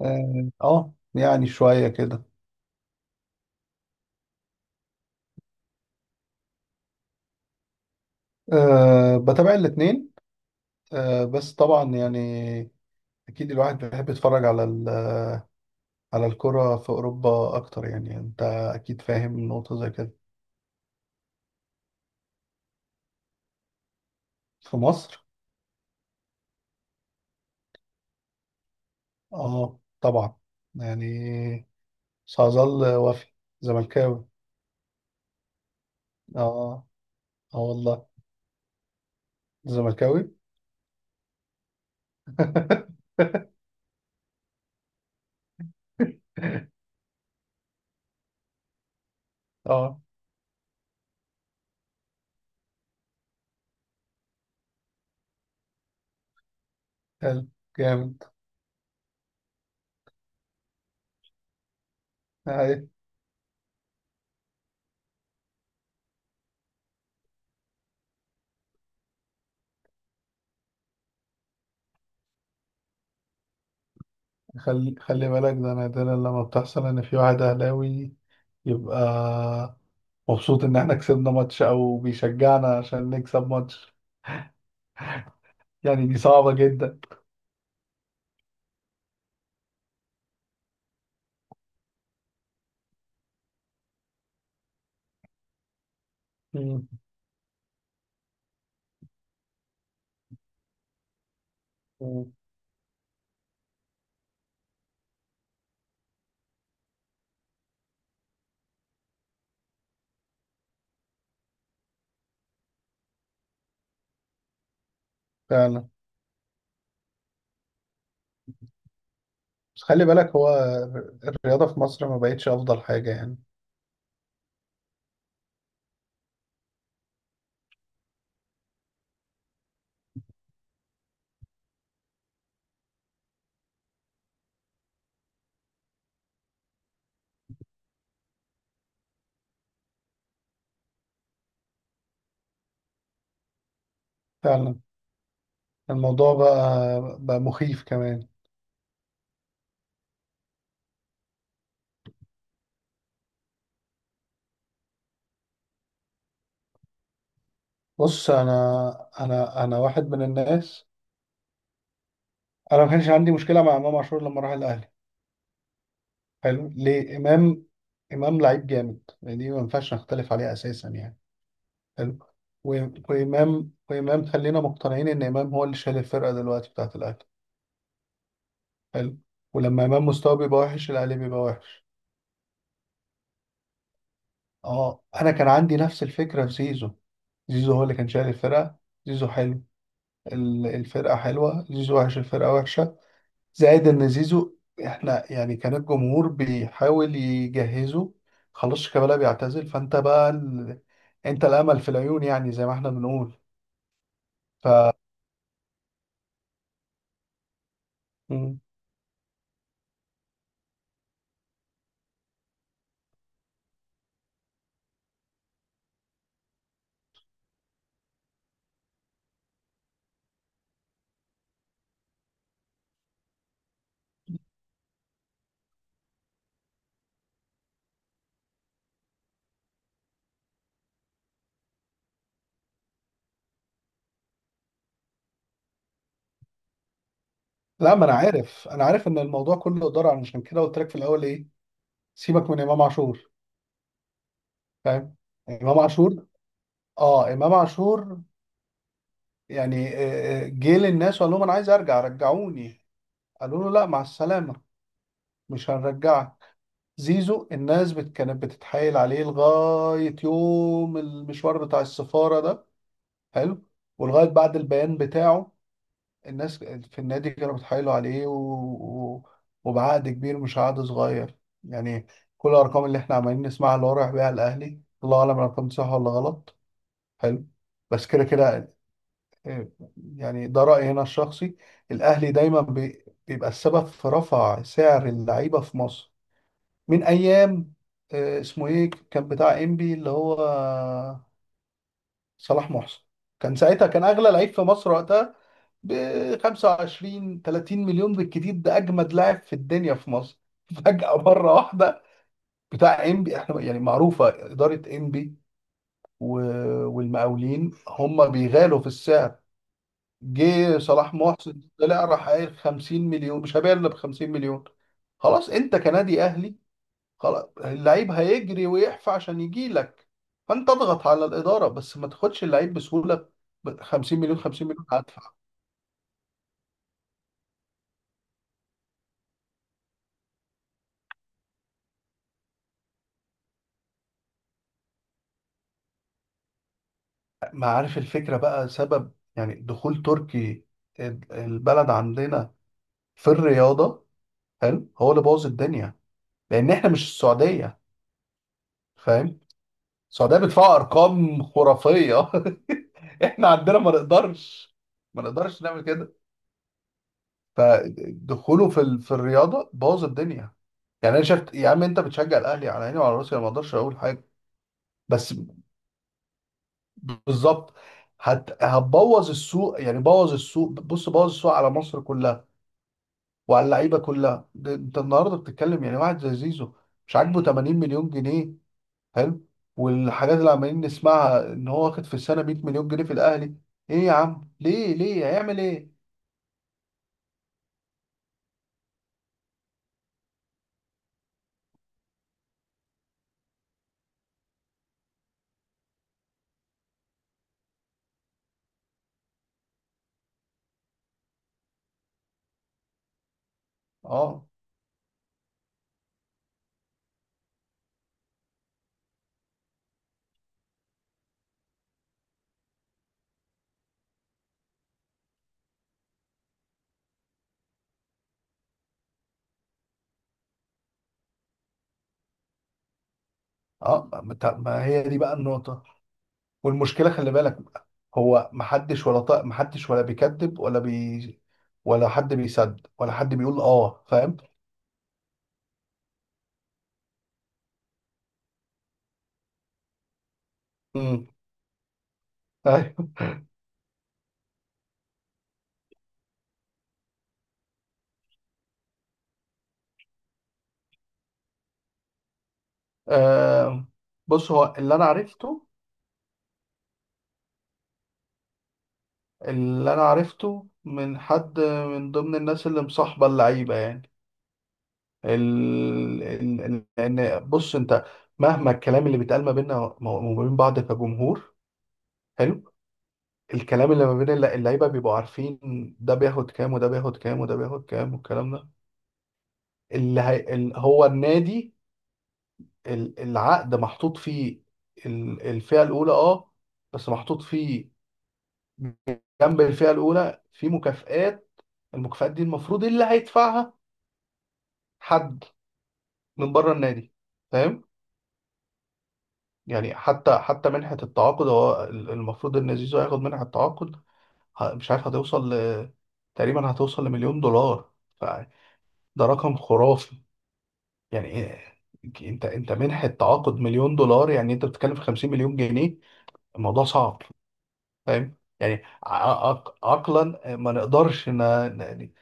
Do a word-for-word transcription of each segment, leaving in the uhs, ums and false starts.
اه آه، يعني شوية كده. أه بتابع الاتنين. أه بس طبعا يعني اكيد الواحد بيحب يتفرج على ال- آه، على الكرة في اوروبا اكتر، يعني انت اكيد فاهم نقطة زي كده. في مصر. اه طبعا، يعني سأظل وفي زملكاوي. اه. اه والله، زملكاوي. اه. حلو. جامد. خلي خلي بالك، ده نادرا لما بتحصل ان في واحد اهلاوي يبقى مبسوط ان احنا كسبنا ماتش او بيشجعنا عشان نكسب ماتش. يعني دي صعبة جدا. مم. مم. فعلا. بس خلي بالك، هو الرياضة في مصر ما بقتش افضل حاجة يعني. فعلا. الموضوع بقى بقى مخيف كمان. بص، انا انا انا واحد من الناس. انا ما كانش عندي مشكلة مع امام عاشور لما راح الاهلي. حلو. ليه امام؟ امام لعيب جامد، يعني دي ما ينفعش نختلف عليها اساسا يعني. حلو. و- وإمام وإمام خلينا مقتنعين إن إمام هو اللي شايل الفرقة دلوقتي بتاعة الأهلي. حلو. ولما إمام مستواه بيبقى وحش الأهلي بيبقى وحش. أه، أنا كان عندي نفس الفكرة في زيزو. زيزو هو اللي كان شايل الفرقة. زيزو حلو ال- الفرقة حلوة، زيزو وحش الفرقة وحشة. زائد إن زيزو، إحنا يعني كان الجمهور بيحاول يجهزه. خلاص شيكابالا بيعتزل، فأنت بقى ال... أنت الأمل في العيون، يعني زي ما إحنا بنقول. لا، ما انا عارف انا عارف ان الموضوع كله اداره، عشان كده قلت لك في الاول ايه. سيبك من امام عاشور. فاهم. امام عاشور. اه، امام عاشور، يعني آه، آه، جه للناس وقال لهم انا عايز ارجع رجعوني. قالوا له لا، مع السلامه، مش هنرجعك. زيزو، الناس بت- كانت بتتحايل عليه لغايه يوم المشوار بتاع السفاره ده. حلو. ولغايه بعد البيان بتاعه، الناس في النادي كانوا بيتحايلوا عليه و... و... وبعقد كبير مش عقد صغير. يعني كل الارقام اللي احنا عمالين نسمعها اللي هو رايح بيها الاهلي الله اعلم الارقام دي صح ولا غلط. حلو. بس كده كده. آه، يعني ده رايي هنا الشخصي. الاهلي دايما بي... بيبقى السبب في رفع سعر اللعيبه في مصر، من ايام آه، اسمه ايه كان بتاع انبي اللي هو صلاح محسن. كان ساعتها كان اغلى لعيب في مصر وقتها ب خمسة وعشرين ثلاثين مليون بالكتير، ده اجمد لاعب في الدنيا في مصر فجأة مرة واحدة. بتاع انبي، احنا يعني معروفة إدارة انبي و- والمقاولين هم بيغالوا في السعر. جه صلاح محسن طلع راح قايل خمسين مليون، مش هبيع الا ب خمسين مليون. خلاص، انت كنادي اهلي خلاص اللعيب هيجري ويحفى عشان يجي لك، فانت اضغط على الإدارة بس ما تاخدش اللعيب بسهولة ب خمسين مليون. خمسين مليون هدفع. ما عارف، الفكرة بقى سبب يعني دخول تركي ال- البلد عندنا في الرياضة. حلو، هو اللي بوظ الدنيا، لأن إحنا مش السعودية. فاهم؟ السعودية بتدفع أرقام خرافية. إحنا عندنا ما نقدرش. ما نقدرش نعمل كده. فدخوله في ال- في الرياضة بوظ الدنيا. يعني أنا شفت يا عم، أنت بتشجع الأهلي على عيني وعلى راسي، أنا ما أقدرش أقول حاجة. بس بالظبط، هت... هتبوظ السوق، يعني بوظ السوق. بص بوظ السوق على مصر كلها وعلى اللعيبه كلها. ده انت النهارده بتتكلم يعني واحد زي زيزو مش عاجبه ثمانين مليون جنيه. حلو. والحاجات اللي عمالين نسمعها ان هو واخد في السنه مية مليون جنيه في الاهلي. ايه يا عم، ليه ليه هيعمل ايه؟ اه اه. ما انت- ما هي دي بقى النقطه. والمشكله خلي بالك، هو محدش ولا طا... محدش ولا بيكذب ولا بي ولا حد بيصدق ولا حد بيقول. اه فاهم. امم. ايوه. آه بص، هو اللي انا عرفته. اللي انا عرفته من حد من ضمن الناس اللي مصاحبه اللعيبه يعني، ال... ال... ال- لان بص انت مهما الكلام اللي بيتقال ما بيننا وما بين بعض كجمهور، حلو، الكلام اللي ما بين الل- اللعيبه بيبقوا عارفين ده بياخد كام وده بياخد كام وده بياخد كام، والكلام ده اللي هي... ال... هو النادي ال... العقد محطوط فيه ال... الفئه الاولى اه، بس محطوط فيه جنب الفئه الاولى في مكافآت. المكافآت دي المفروض اللي هيدفعها حد من بره النادي. فاهم يعني. حتى حتى منحة التعاقد هو ال- المفروض ان زيزو هياخد منحة التعاقد. ه- مش عارف، هتوصل ل... تقريبا هتوصل لمليون دولار. فده رقم خرافي. يعني إيه- انت انت منحة تعاقد مليون دولار، يعني انت بتتكلم في خمسين مليون جنيه. الموضوع صعب. فاهم يعني. ع- عق- عقلا ما نقدرش ن... ن-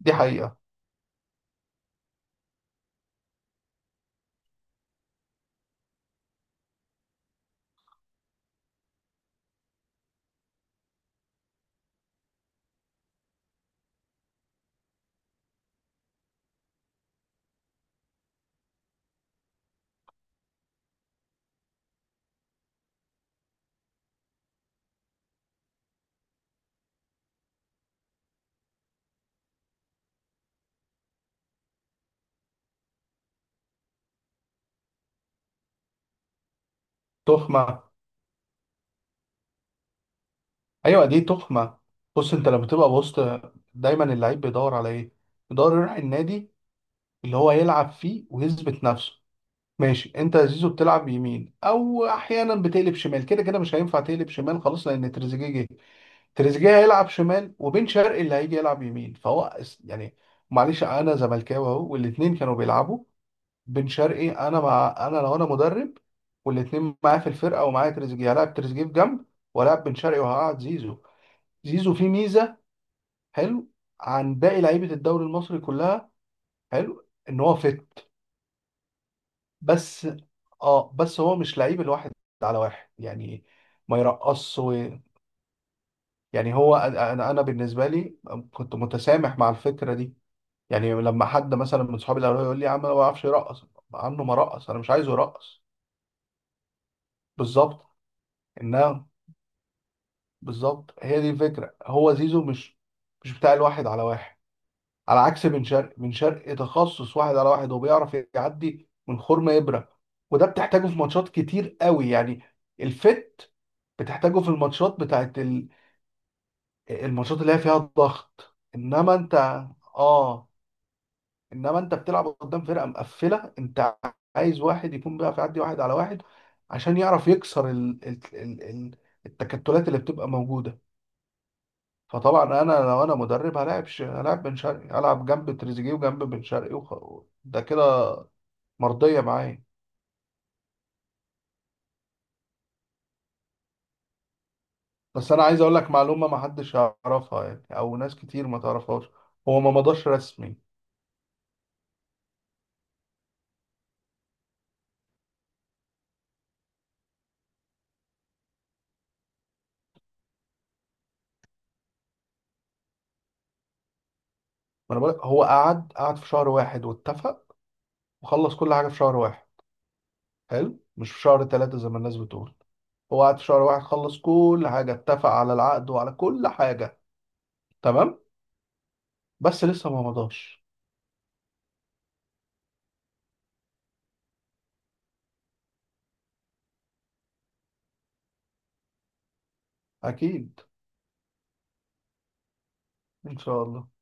دي حقيقة. تخمة. ايوه دي تخمه. بص، انت لما تبقى بوسط دايما اللعيب بيدور على ايه. بيدور يروح النادي اللي هو يلعب فيه ويثبت نفسه. ماشي، انت يا زيزو بتلعب يمين او احيانا بتقلب شمال، كده كده مش هينفع تقلب شمال، خلاص لان تريزيجيه جه. تريزيجيه هيلعب شمال وبن شرقي اللي هيجي يلعب يمين. فهو اس- يعني معلش، انا زملكاوي اهو، والاتنين كانوا بيلعبوا، بن شرقي انا مع، انا لو انا مدرب والاتنين معايا في الفرقه ومعايا تريزيجيه هلاعب تريزيجيه في جنب ولاعب بن شرقي وهقعد زيزو. زيزو فيه ميزه، حلو، عن باقي لعيبه الدوري المصري كلها. حلو ان هو فت، بس اه بس هو مش لعيب الواحد على واحد يعني، ما يرقصش و... يعني هو انا انا بالنسبه لي كنت متسامح مع الفكره دي. يعني لما حد مثلا من صحابي الاول يقول لي يا عم انا ما بعرفش يرقص، عنه ما رقص، انا مش عايزه يرقص. بالظبط. انها بالظبط هي دي الفكره. هو زيزو مش مش بتاع الواحد على واحد. على عكس بن شرقي، بن شرقي تخصص واحد على واحد وبيعرف يعدي من خرم إبرة، وده بتحتاجه في ماتشات كتير قوي يعني. الفت بتحتاجه في الماتشات بتاعت ال- الماتشات اللي هي فيها الضغط انما انت. اه. انما انت بتلعب قدام فرقة مقفلة، انت عايز واحد يكون بيعرف يعدي واحد على واحد عشان يعرف يكسر ال... ال... ال... ال- التكتلات اللي بتبقى موجودة. فطبعا انا لو انا مدرب هلاعب ش... هلاعب بن شرقي هلعب جنب تريزيجيه وجنب بن شرقي وخ... ده كده مرضيه معايا. بس انا عايز اقول لك معلومه ما حدش يعرفها يعني او ناس كتير ما تعرفهاش. هو ما مضاش رسمي. ما انا بقول لك، هو قعد قعد في شهر واحد واتفق وخلص كل حاجه في شهر واحد. حلو، مش في شهر ثلاثة زي ما الناس بتقول. هو قعد في شهر واحد خلص كل حاجه اتفق على العقد وعلى كل حاجه. تمام، بس لسه ما مضاش. اكيد ان شاء الله.